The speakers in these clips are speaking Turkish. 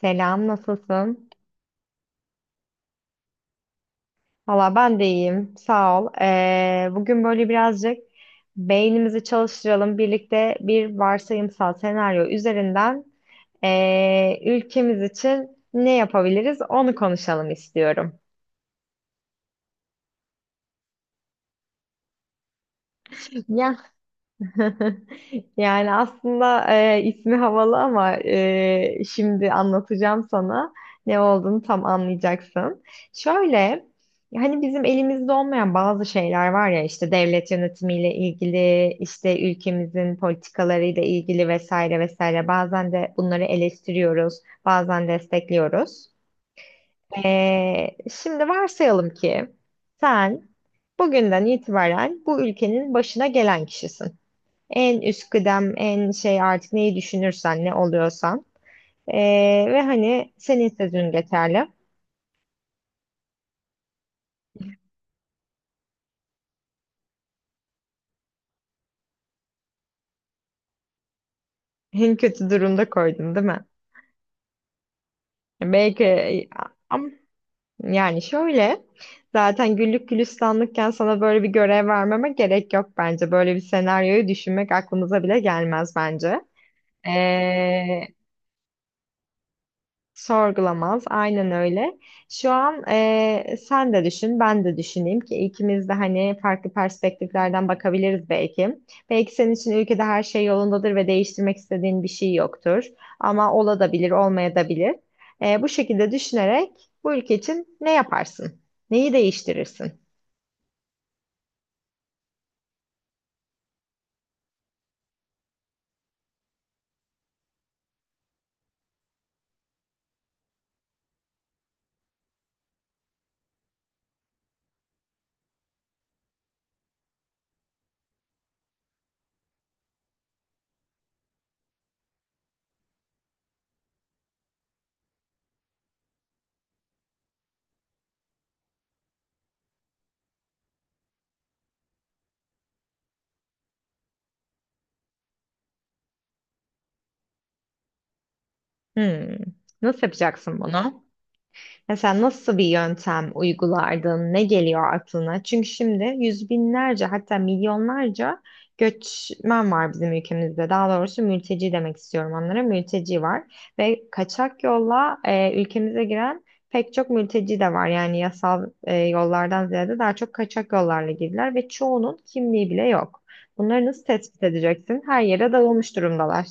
Selam, nasılsın? Valla ben de iyiyim, sağ ol. Bugün böyle birazcık beynimizi çalıştıralım. Birlikte bir varsayımsal senaryo üzerinden ülkemiz için ne yapabiliriz onu konuşalım istiyorum. Ya. Yani aslında ismi havalı ama şimdi anlatacağım sana ne olduğunu tam anlayacaksın. Şöyle, hani bizim elimizde olmayan bazı şeyler var ya işte devlet yönetimiyle ilgili, işte ülkemizin politikalarıyla ilgili vesaire vesaire. Bazen de bunları eleştiriyoruz, bazen destekliyoruz. Şimdi varsayalım ki sen bugünden itibaren bu ülkenin başına gelen kişisin. En üst kıdem, en şey artık neyi düşünürsen, ne oluyorsan. Ve hani senin sözün yeterli. En kötü durumda koydum, değil mi? Belki ama yani şöyle zaten güllük gülistanlıkken sana böyle bir görev vermeme gerek yok bence. Böyle bir senaryoyu düşünmek aklımıza bile gelmez bence. Ee, Sorgulamaz. Aynen öyle. Şu an sen de düşün, ben de düşüneyim ki ikimiz de hani farklı perspektiflerden bakabiliriz belki. Belki senin için ülkede her şey yolundadır ve değiştirmek istediğin bir şey yoktur. Ama olabilir, olmayabilir. Bu şekilde düşünerek bu ülke için ne yaparsın? Neyi değiştirirsin? Hmm. Nasıl yapacaksın bunu? Mesela nasıl bir yöntem uygulardın? Ne geliyor aklına? Çünkü şimdi yüz binlerce hatta milyonlarca göçmen var bizim ülkemizde. Daha doğrusu mülteci demek istiyorum onlara. Mülteci var ve kaçak yolla ülkemize giren pek çok mülteci de var. Yani yasal yollardan ziyade daha çok kaçak yollarla girdiler ve çoğunun kimliği bile yok. Bunları nasıl tespit edeceksin? Her yere dağılmış durumdalar.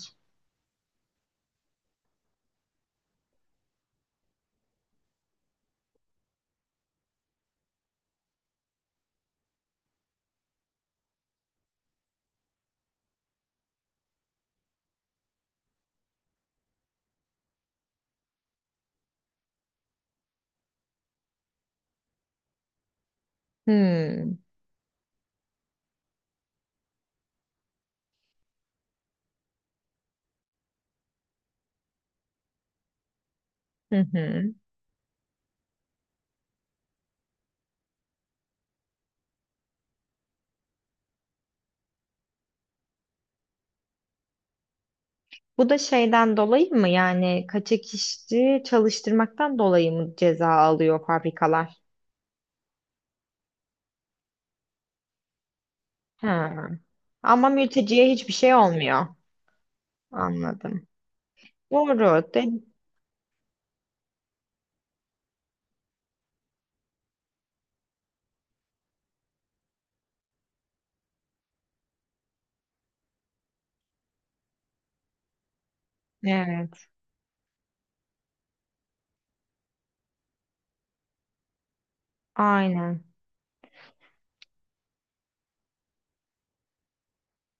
Hmm. Hı hı. Bu da şeyden dolayı mı yani kaçak işçi çalıştırmaktan dolayı mı ceza alıyor fabrikalar? Ha. Ama mülteciye hiçbir şey olmuyor. Anladım. Doğru. De evet. Aynen.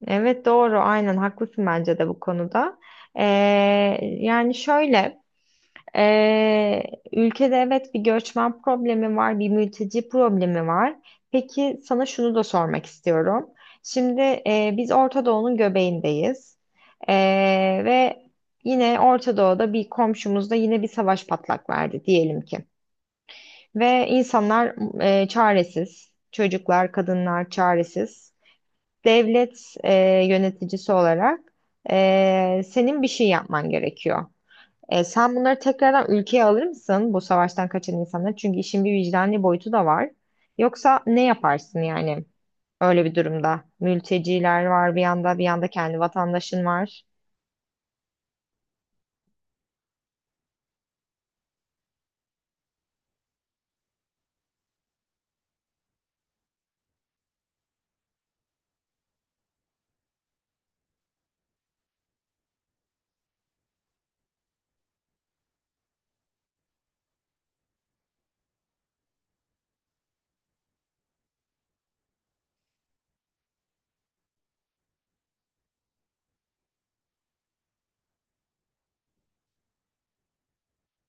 Evet doğru. Aynen haklısın bence de bu konuda. Ee, Yani şöyle. Ee, Ülkede evet bir göçmen problemi var, bir mülteci problemi var. Peki sana şunu da sormak istiyorum. Şimdi biz Orta Doğu'nun göbeğindeyiz. Ve yine Orta Doğu'da bir komşumuzda yine bir savaş patlak verdi diyelim ki. Ve insanlar çaresiz, çocuklar, kadınlar çaresiz. Devlet e, yöneticisi olarak senin bir şey yapman gerekiyor. Sen bunları tekrardan ülkeye alır mısın bu savaştan kaçan insanları? Çünkü işin bir vicdani boyutu da var. Yoksa ne yaparsın yani öyle bir durumda? Mülteciler var bir yanda, bir yanda kendi vatandaşın var.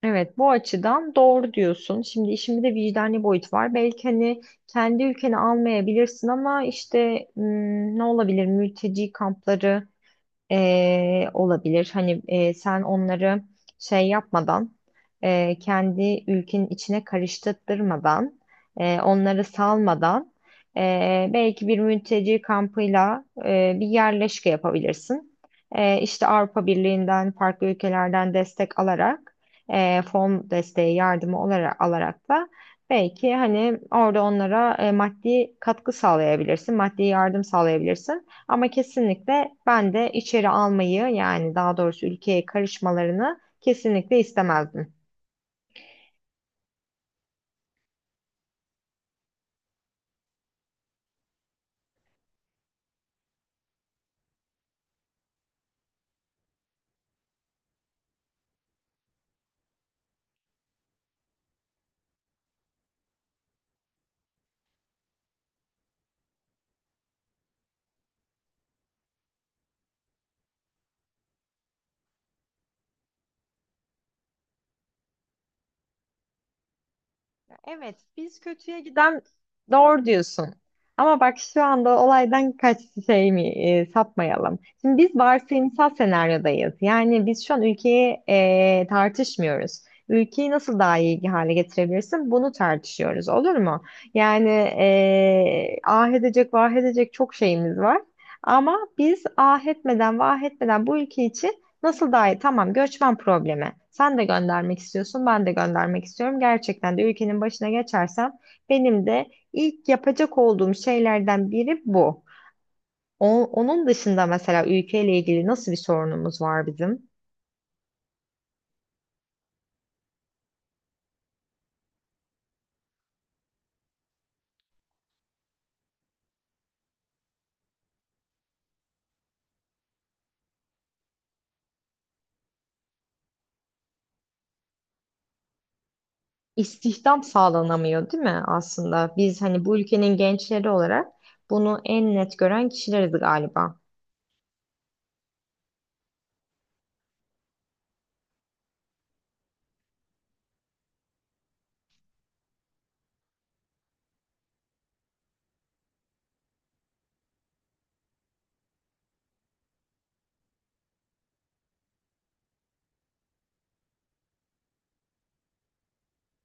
Evet, bu açıdan doğru diyorsun. Şimdi işin bir de vicdani boyut var. Belki hani kendi ülkeni almayabilirsin ama işte hmm, ne olabilir? Mülteci kampları olabilir. Hani sen onları şey yapmadan, kendi ülkenin içine karıştırmadan, onları salmadan, belki bir mülteci kampıyla bir yerleşke yapabilirsin. İşte Avrupa Birliği'nden, farklı ülkelerden destek alarak, fon desteği yardımı olarak alarak da belki hani orada onlara maddi katkı sağlayabilirsin, maddi yardım sağlayabilirsin. Ama kesinlikle ben de içeri almayı yani daha doğrusu ülkeye karışmalarını kesinlikle istemezdim. Evet, biz kötüye giden doğru diyorsun. Ama bak şu anda olaydan kaç şey mi sapmayalım. Şimdi biz varsayımsal senaryodayız. Yani biz şu an ülkeyi tartışmıyoruz. Ülkeyi nasıl daha iyi hale getirebilirsin? Bunu tartışıyoruz, olur mu? Yani ah edecek, vah edecek çok şeyimiz var. Ama biz ah etmeden, vah etmeden bu ülke için Nasıl daha Tamam, göçmen problemi. Sen de göndermek istiyorsun, ben de göndermek istiyorum. Gerçekten de ülkenin başına geçersem benim de ilk yapacak olduğum şeylerden biri bu. Onun dışında mesela ülkeyle ilgili nasıl bir sorunumuz var bizim? İstihdam sağlanamıyor, değil mi aslında? Biz hani bu ülkenin gençleri olarak bunu en net gören kişileriz galiba.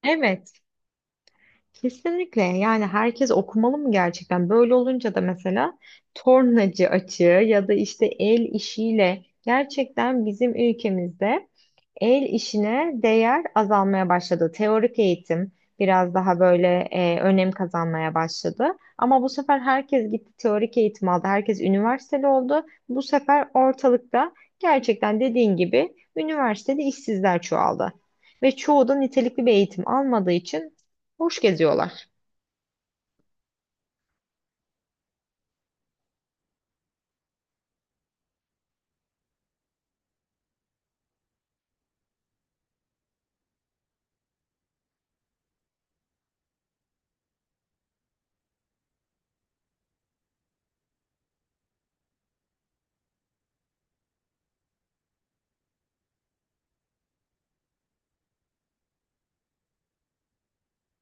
Evet. Kesinlikle yani herkes okumalı mı gerçekten? Böyle olunca da mesela tornacı açığı ya da işte el işiyle gerçekten bizim ülkemizde el işine değer azalmaya başladı. Teorik eğitim biraz daha böyle önem kazanmaya başladı. Ama bu sefer herkes gitti teorik eğitim aldı. Herkes üniversiteli oldu. Bu sefer ortalıkta gerçekten dediğin gibi üniversitede işsizler çoğaldı. Ve çoğu da nitelikli bir eğitim almadığı için Hoş geziyorlar.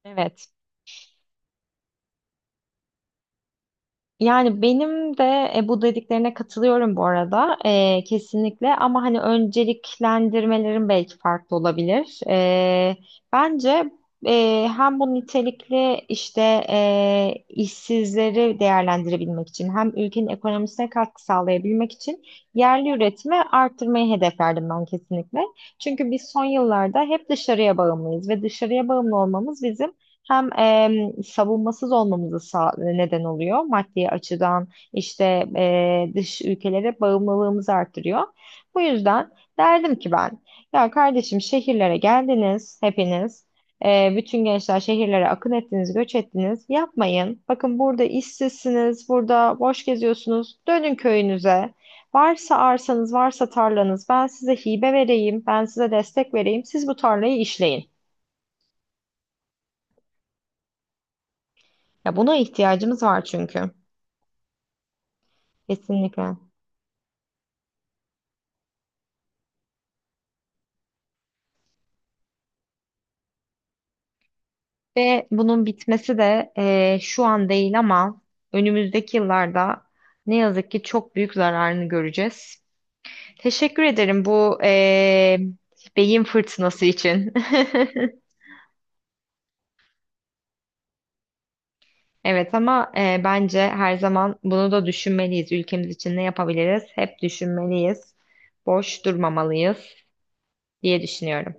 Evet. Yani benim de bu dediklerine katılıyorum bu arada. Kesinlikle ama hani önceliklendirmelerin belki farklı olabilir. Bence hem bu nitelikli işte işsizleri değerlendirebilmek için hem ülkenin ekonomisine katkı sağlayabilmek için yerli üretimi arttırmayı hedeflerdim ben kesinlikle. Çünkü biz son yıllarda hep dışarıya bağımlıyız ve dışarıya bağımlı olmamız bizim hem savunmasız olmamızı neden oluyor maddi açıdan işte dış ülkelere bağımlılığımızı arttırıyor. Bu yüzden derdim ki ben ya kardeşim şehirlere geldiniz hepiniz. Bütün gençler şehirlere akın ettiniz, göç ettiniz. Yapmayın. Bakın burada işsizsiniz, burada boş geziyorsunuz. Dönün köyünüze. Varsa arsanız, varsa tarlanız, ben size hibe vereyim, ben size destek vereyim. Siz bu tarlayı işleyin. Ya buna ihtiyacımız var çünkü. Kesinlikle. Ve bunun bitmesi de şu an değil ama önümüzdeki yıllarda ne yazık ki çok büyük zararını göreceğiz. Teşekkür ederim bu beyin fırtınası için. Evet ama bence her zaman bunu da düşünmeliyiz. Ülkemiz için ne yapabiliriz? Hep düşünmeliyiz. Boş durmamalıyız diye düşünüyorum.